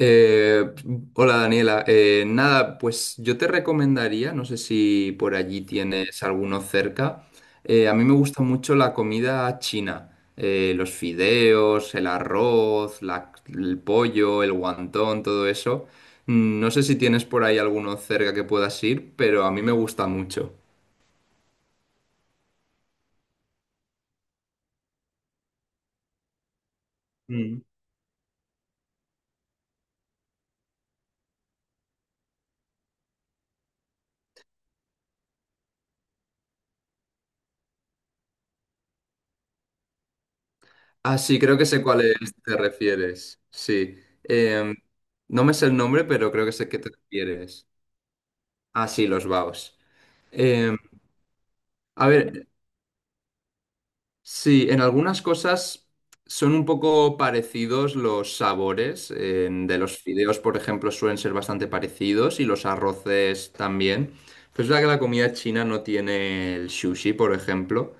Eh, hola Daniela. Nada, pues yo te recomendaría, no sé si por allí tienes alguno cerca. A mí me gusta mucho la comida china. Los fideos, el arroz, el pollo, el guantón, todo eso. No sé si tienes por ahí alguno cerca que puedas ir, pero a mí me gusta mucho. Mm. Ah, sí, creo que sé cuál es, te refieres, sí. Em, no me sé el nombre, pero creo que sé qué te refieres. Ah, sí, los baos. Eh, a ver, sí, en algunas cosas son un poco parecidos los sabores, de los fideos, por ejemplo, suelen ser bastante parecidos y los arroces también. Pero es verdad que la comida china no tiene el sushi, por ejemplo.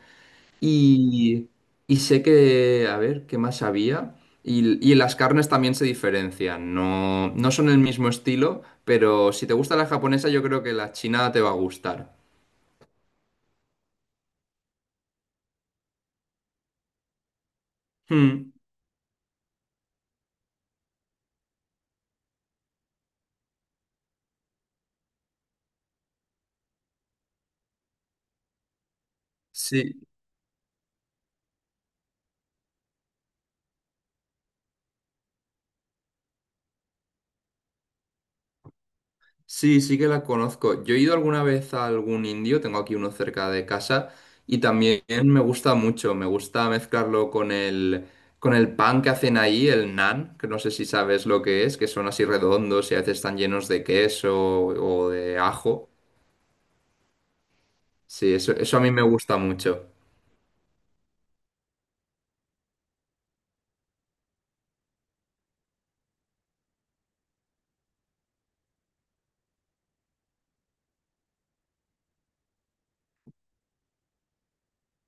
Y, y sé que, a ver, ¿qué más había? Y las carnes también se diferencian. No, no son el mismo estilo, pero si te gusta la japonesa, yo creo que la china te va a gustar. Hmm, sí. Sí, sí que la conozco. Yo he ido alguna vez a algún indio, tengo aquí uno cerca de casa, y también me gusta mucho, me gusta mezclarlo con el pan que hacen ahí, el naan, que no sé si sabes lo que es, que son así redondos y a veces están llenos de queso o de ajo. Sí, eso a mí me gusta mucho.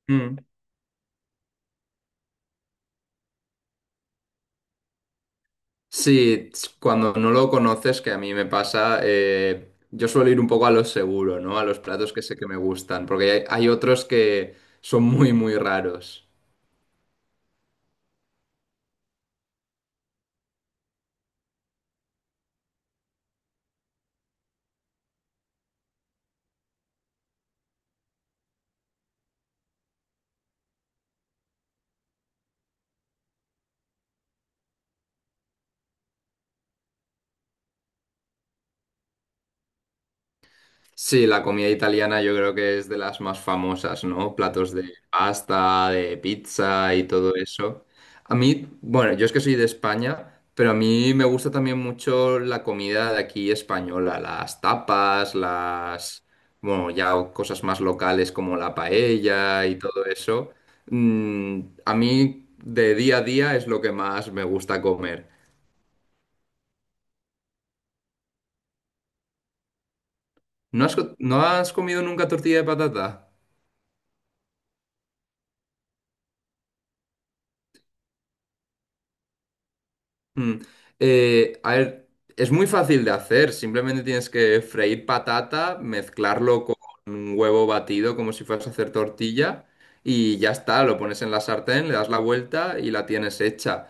Mm. Sí, cuando no lo conoces, que a mí me pasa, yo suelo ir un poco a lo seguro, ¿no? A los platos que sé que me gustan, porque hay otros que son muy, muy raros. Sí, la comida italiana yo creo que es de las más famosas, ¿no? Platos de pasta, de pizza y todo eso. A mí, bueno, yo es que soy de España, pero a mí me gusta también mucho la comida de aquí española, las tapas, las, bueno, ya cosas más locales como la paella y todo eso. Mm, a mí de día a día es lo que más me gusta comer. ¿No has, no has comido nunca tortilla de patata? Mm. A ver, es muy fácil de hacer, simplemente tienes que freír patata, mezclarlo con un huevo batido como si fueras a hacer tortilla y ya está, lo pones en la sartén, le das la vuelta y la tienes hecha.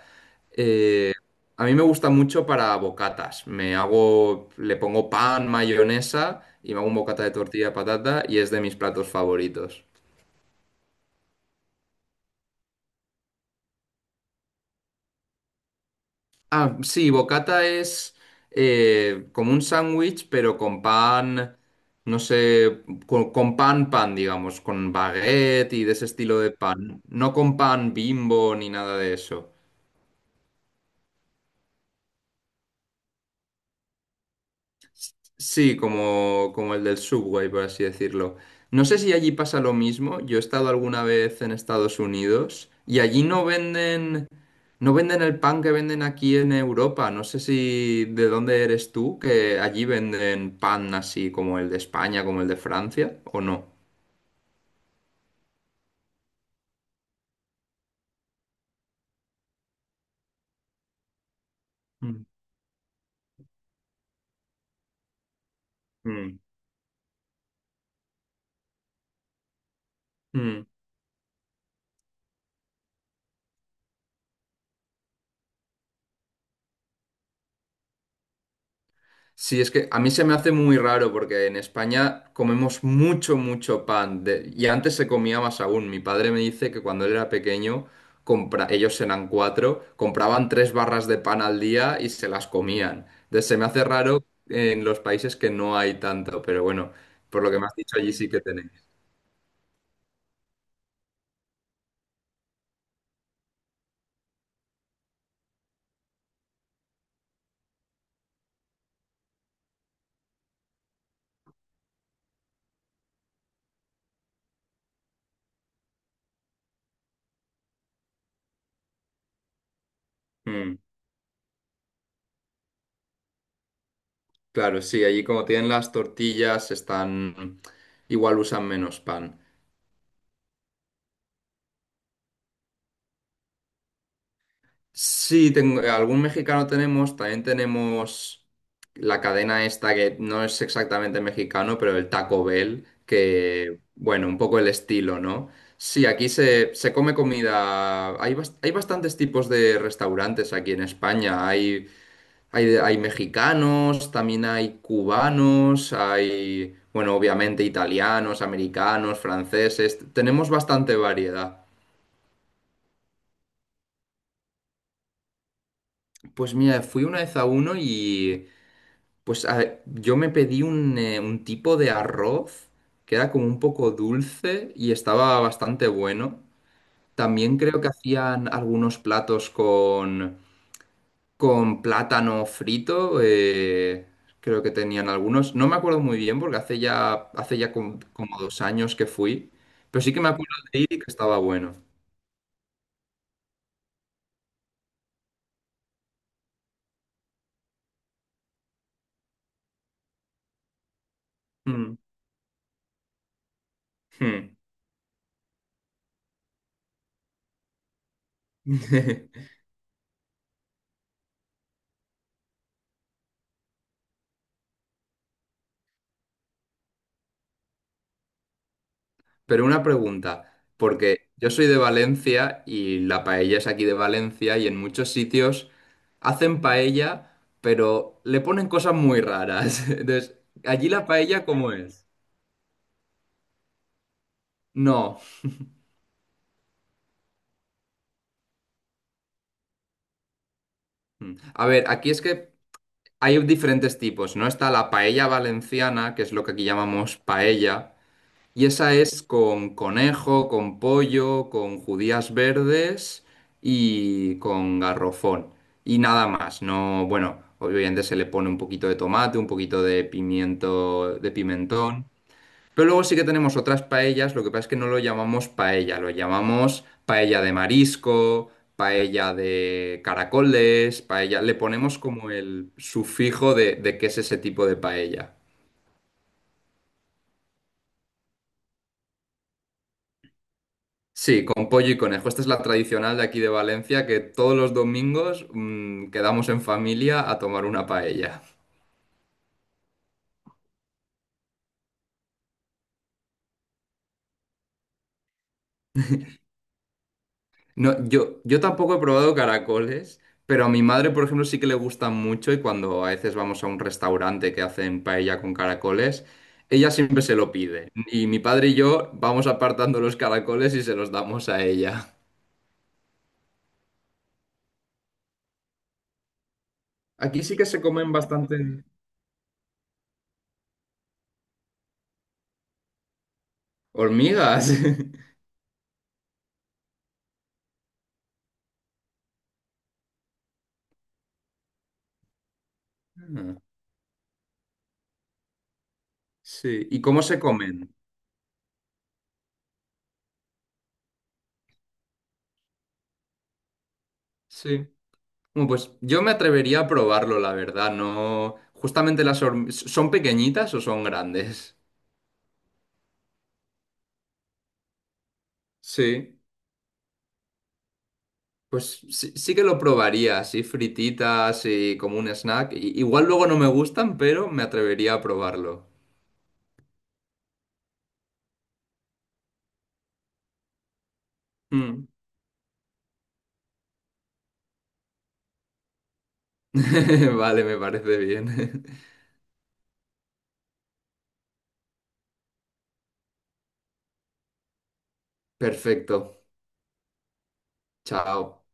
Eh, a mí me gusta mucho para bocatas, me hago, le pongo pan, mayonesa y me hago un bocata de tortilla de patata y es de mis platos favoritos. Ah, sí, bocata es como un sándwich, pero con pan, no sé, con pan, pan, digamos, con baguette y de ese estilo de pan. No con pan Bimbo ni nada de eso. Sí, como, como el del Subway, por así decirlo. No sé si allí pasa lo mismo. Yo he estado alguna vez en Estados Unidos y allí no venden, no venden el pan que venden aquí en Europa. No sé si de dónde eres tú, que allí venden pan así como el de España, como el de Francia, o no. Mm. Mm. Mm. Sí, es que a mí se me hace muy raro porque en España comemos mucho, mucho pan. Y antes se comía más aún. Mi padre me dice que cuando él era pequeño, ellos eran cuatro, compraban 3 barras de pan al día y se las comían. Entonces se me hace raro en los países que no hay tanto, pero bueno, por lo que me has dicho, allí sí que tenéis. Mm, claro, sí, allí como tienen las tortillas, están... igual usan menos pan. Sí, tengo, algún mexicano tenemos, también tenemos la cadena esta que no es exactamente mexicano, pero el Taco Bell, que, bueno, un poco el estilo, ¿no? Sí, aquí se, se come comida, hay bastantes tipos de restaurantes aquí en España, hay mexicanos, también hay cubanos, hay, bueno, obviamente italianos, americanos, franceses, tenemos bastante variedad. Pues mira, fui una vez a uno y... Pues yo me pedí un tipo de arroz que era como un poco dulce y estaba bastante bueno. También creo que hacían algunos platos con, plátano frito. Creo que tenían algunos. No me acuerdo muy bien porque hace ya como 2 años que fui. Pero sí que me acuerdo de ir y que estaba bueno. Mm, mm. Pero una pregunta, porque yo soy de Valencia y la paella es aquí de Valencia y en muchos sitios hacen paella, pero le ponen cosas muy raras. Entonces, ¿allí la paella cómo es? No. Mm. A ver, aquí es que hay diferentes tipos, ¿no? Está la paella valenciana, que es lo que aquí llamamos paella. Y esa es con conejo, con pollo, con judías verdes y con garrofón. Y nada más, no, bueno, obviamente se le pone un poquito de tomate, un poquito de pimiento, de pimentón. Pero luego sí que tenemos otras paellas, lo que pasa es que no lo llamamos paella, lo llamamos paella de marisco, paella de caracoles, paella. Le ponemos como el sufijo de qué es ese tipo de paella. Sí, con pollo y conejo. Esta es la tradicional de aquí de Valencia, que todos los domingos quedamos en familia a tomar una paella. No, yo, tampoco he probado caracoles, pero a mi madre, por ejemplo, sí que le gustan mucho y cuando a veces vamos a un restaurante que hacen paella con caracoles, ella siempre se lo pide. Y mi padre y yo vamos apartando los caracoles y se los damos a ella. Aquí sí que se comen bastante hormigas. Ah, sí. ¿Y cómo se comen? Sí. Bueno, pues yo me atrevería a probarlo, la verdad, no. Justamente las ¿son pequeñitas o son grandes? Sí. Pues sí, sí que lo probaría, así frititas y como un snack. Igual luego no me gustan, pero me atrevería a probarlo. Mm. Vale, me parece bien. Perfecto. Chao.